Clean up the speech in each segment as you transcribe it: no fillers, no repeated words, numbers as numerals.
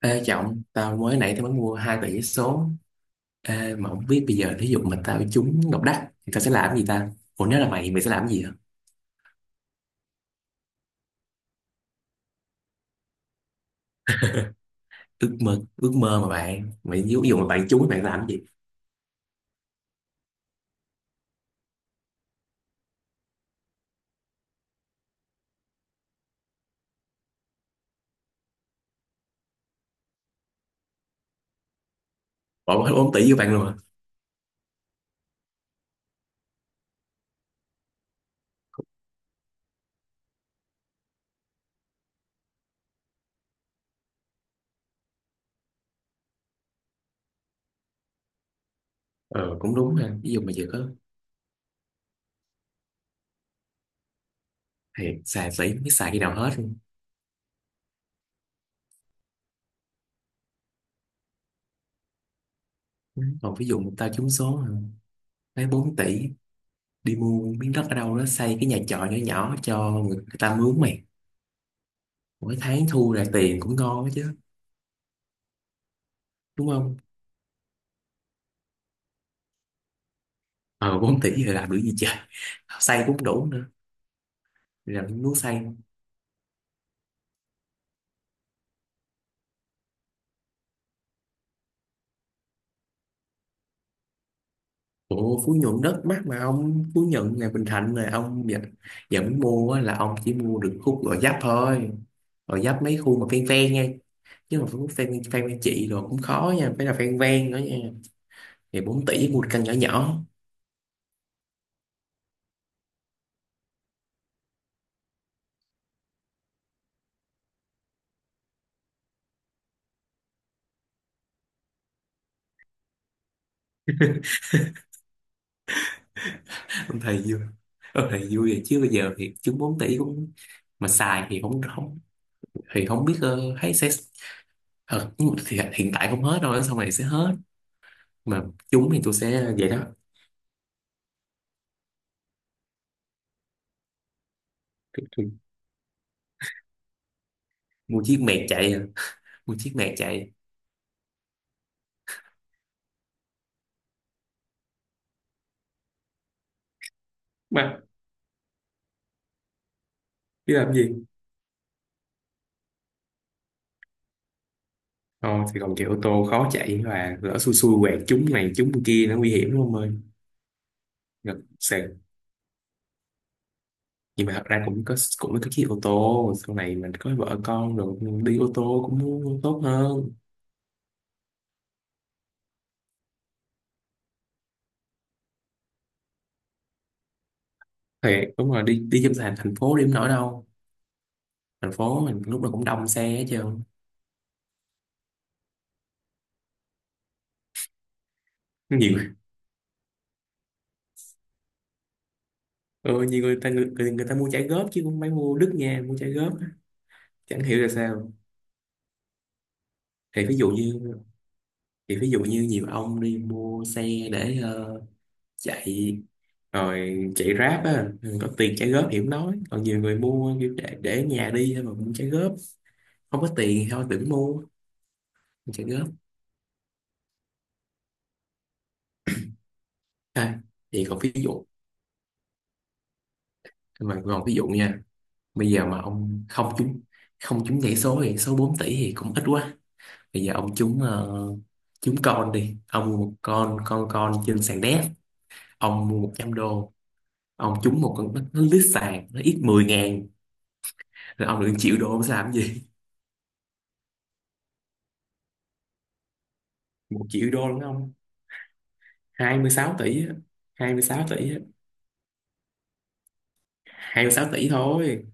Ê Trọng, tao mới nãy tao mới mua hai tờ giấy số. Ê, mà không biết bây giờ thí dụ mà tao trúng Ngọc Đắc thì tao sẽ làm gì ta? Ủa, nếu là mày sẽ làm gì hả? Ước mơ mà bạn. Mày ví dụ mà bạn trúng bạn làm gì? Bỏ hết 4 tỷ vô bạn luôn hả? Ờ, cũng đúng ha, ví dụ mà giờ có thiệt, xài tỷ không biết xài khi nào hết luôn. Còn ví dụ mà tao trúng số hả? Lấy 4 tỷ đi mua miếng đất ở đâu đó xây cái nhà trọ nhỏ nhỏ cho người ta mướn mày. Mỗi tháng thu ra tiền cũng ngon đó chứ, đúng không? Ờ, 4 tỷ giờ làm được gì trời? Xây cũng đủ rạch núi Sam. Ủa, Phú Nhuận đất mắc mà, ông Phú Nhuận này Bình Thạnh này ông dẫn mua á, là ông chỉ mua được khúc Gò Vấp thôi. Gò Vấp mấy khu mà ven ven nha, chứ mà khúc ven ven ven chị rồi cũng khó nha, phải là ven ven nữa nha. Thì 4 tỷ mua được căn nhỏ nhỏ. Ông thầy vui ông thầy vui rồi, chứ bây giờ thì chúng 4 tỷ cũng, mà xài thì không không, thì không biết. Ờ, Thấy sẽ. Nhưng mà thì hiện tại không hết đâu, sau này sẽ hết, mà chúng thì tôi sẽ vậy đó. Tôi mua chiếc mẹt chạy à. Mua chiếc mẹt chạy mà biết làm gì. Ồ, thì còn kiểu ô tô khó chạy, và lỡ xui xui quẹt trúng này trúng kia nó nguy hiểm lắm ơi. Ngập sệt, nhưng mà thật ra cũng có cái chiếc ô tô sau này mình có vợ con rồi đi ô tô cũng tốt hơn. Thiệt, đúng rồi, đi đi trong thành thành phố điểm nổi đâu. Thành phố mình lúc nào cũng đông xe hết trơn. Nhiều. Ừ, nhiều người ta mua trả góp chứ không phải mua đứt nha, mua trả góp á. Chẳng hiểu là sao. Thì ví dụ như thì ví dụ như nhiều ông đi mua xe để, chạy rồi chạy Grab á, có tiền trả góp thì không nói, còn nhiều người mua kiểu để ở nhà đi thôi mà cũng trả góp. Không có tiền thì thôi đừng mua trả góp. À, thì còn ví dụ mà còn ví dụ nha, bây giờ mà ông không trúng nhảy số thì số 4 tỷ thì cũng ít quá. Bây giờ ông trúng, trúng con đi, ông mua một con trên sàn đéc, ông mua 100 đô, ông trúng một con, nó lít sàn nó ít 10.000, rồi ông được 1 triệu đô, ông sẽ làm gì? 1 triệu đô đúng không? Hai mươi sáu tỷ á 26 tỷ á 26 tỷ thôi.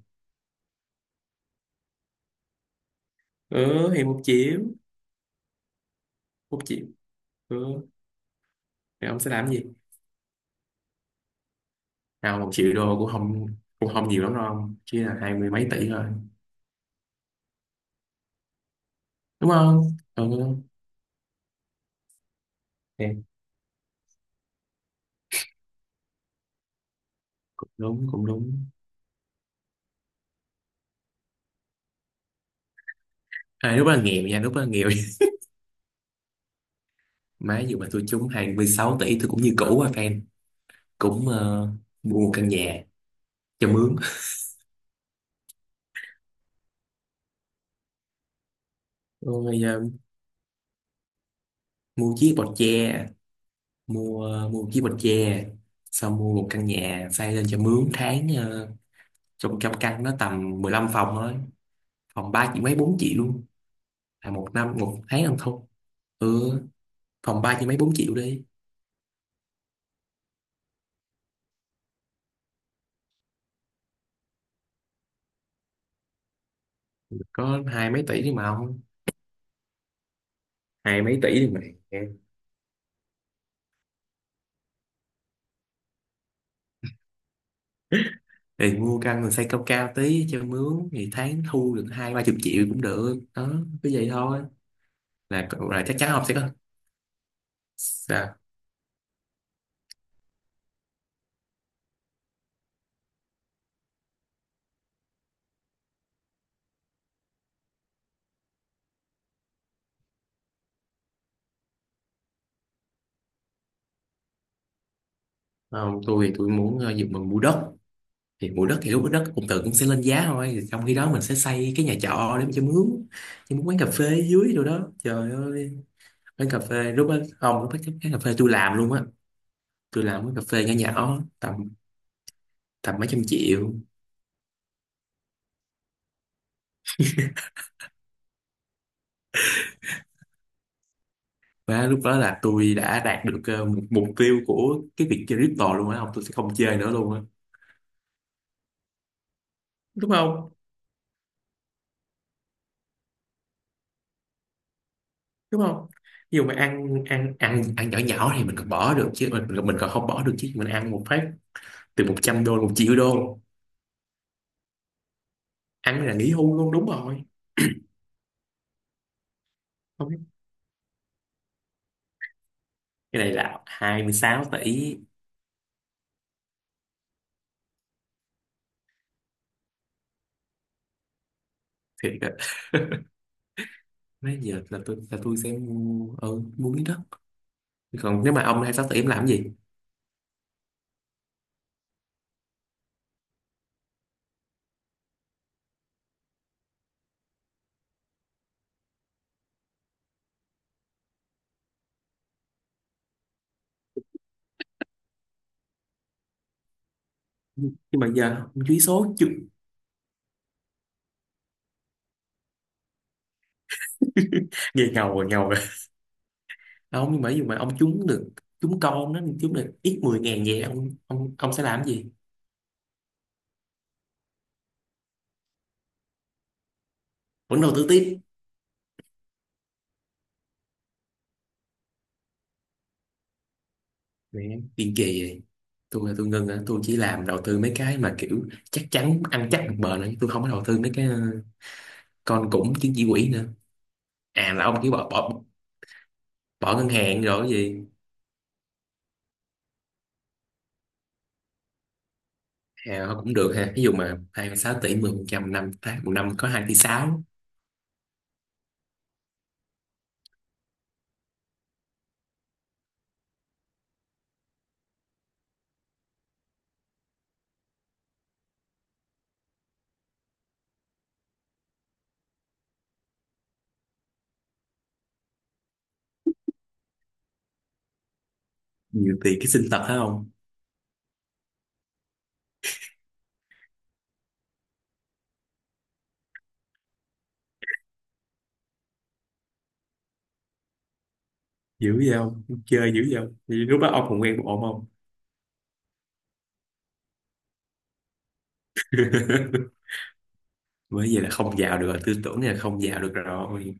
Ừ thì một triệu. Ừ thì ông sẽ làm cái gì nào? Một triệu đô cũng không nhiều lắm đâu ông. Chỉ là hai mươi mấy tỷ thôi, đúng không? Ừ thì cũng đúng, cũng đúng. À, lúc đó là nghèo nha, lúc đó là nghèo. Má, dù mà tôi trúng 26 tỷ tôi cũng như cũ à fan, cũng mua một căn nhà cho mướn. Rồi mua chiếc bọt tre, mua mua chiếc bọt tre, xong mua một căn nhà xây lên cho mướn tháng, trong trăm căn nó tầm 15 phòng thôi, phòng ba chỉ mấy 4 triệu luôn, là một năm một tháng ăn thôi. Ừ, phòng ba chỉ mấy 4 triệu đi. Có hai mấy tỷ đi mà ông, hai mấy tỷ đi mà, thì mua căn rồi xây cao cao tí cho mướn thì tháng thu được hai ba chục triệu cũng được đó, cứ vậy thôi, là chắc chắn ông sẽ có. Sao? Không, tôi thì tôi muốn, dùng bằng mua đất. Thì mua đất thì lúc đó đất cũng sẽ lên giá thôi. Thì trong khi đó mình sẽ xây cái nhà trọ để mà cho mướn, cho mướn quán cà phê dưới, rồi đó trời ơi. Quán cà phê lúc đó, không, lúc đó cái cà phê tôi làm luôn á. Tôi làm quán cà phê nhỏ nhỏ tầm tầm mấy trăm triệu. Và lúc đó là tôi đã đạt được, một mục tiêu của cái việc chơi crypto luôn á, không tôi sẽ không chơi nữa luôn á. Đúng không đúng không Ví dụ mà ăn ăn ăn ăn nhỏ nhỏ thì mình còn bỏ được chứ, mình còn không bỏ được chứ, mình ăn một phát từ 100 đô 1 triệu đô. Ăn là nghỉ hưu luôn, đúng rồi. Không, cái này là 26 tỷ thiệt á. Nãy giờ là tôi sẽ mua, mua miếng đất. Còn nếu mà ông 26 tuổi em làm cái gì? Nhưng mà giờ ông trúng số chứ. Nghe ngầu rồi, ngầu rồi. À, ông, nhưng mà ví dụ mà ông trúng được, trúng con nó trúng được ít 10.000 vậy, ông sẽ làm cái gì? Vẫn đầu tư tiếp. Mẹ, tiền kỳ vậy. Tôi là tôi ngưng á, tôi chỉ làm đầu tư mấy cái mà kiểu chắc chắn ăn chắc bằng bền ấy. Tôi không có đầu tư mấy cái, con cũng chứng chỉ quỹ nữa. À, là ông kiểu bỏ bỏ bỏ ngân hàng rồi cái gì. À, cũng được ha, ví dụ mà 26 tỷ 10% năm, tháng một năm có 2,6 tỷ. Nhiều tiền cái sinh tật phải không? Dữ vậy, không chơi dữ vậy không? Vậy lúc đó ông còn quen một ổn không? Bởi vậy là không vào được rồi, tư tưởng là không vào được rồi,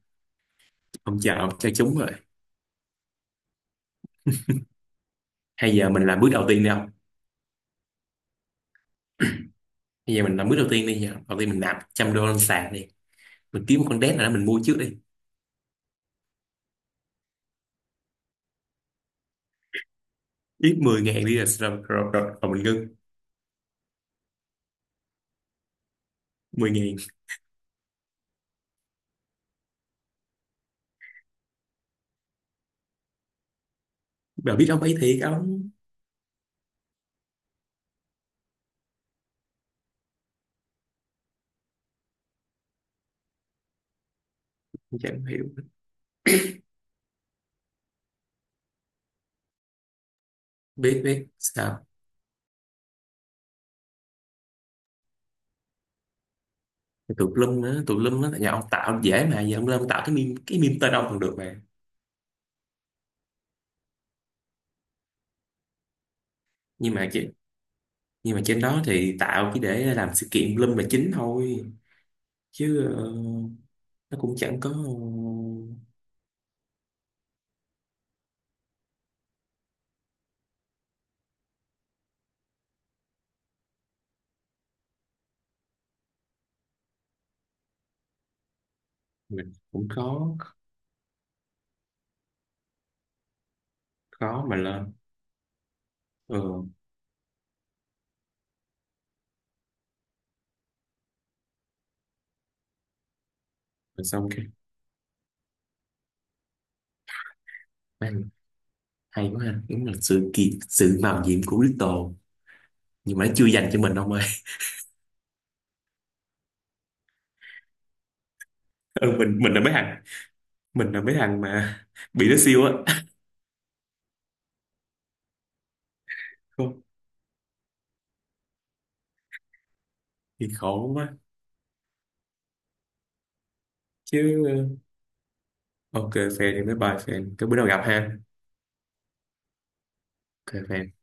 không vào, cho chúng rồi. Hay giờ mình làm bước đầu tiên đi không? Bây giờ mình làm bước đầu tiên đi, giờ đầu tiên mình nạp 100 đô lên sàn đi, mình kiếm một con đét nào đó mình mua trước đi, ít 10 ngàn đi, rồi, rồi, rồi, rồi, rồi mình ngưng. Mười ngàn. Bà biết ông ấy thiệt ông. Chẳng hiểu. Biết biết sao. Tụi lum á, tụi lum á, tại nhà ông tạo dễ mà, giờ ông lên ông tạo cái meme tên ông còn được mà. Nhưng mà chỉ, nhưng mà trên đó thì tạo chỉ để làm sự kiện lum là chính thôi, chứ nó cũng chẳng có. Mình cũng khó, khó mà lên. Ờ, rồi xong cái. Man, hay quá ha, đúng là sự mạo nhiệm của Little, nhưng mà nó chưa dành cho mình ông ơi. Ừ, mình là mấy thằng, mình là mấy thằng mà bị nó siêu á. Không, thì khổ quá, chứ ờ, ok fan. Thì mấy bài fan cái bữa nào gặp ha. Ok fan.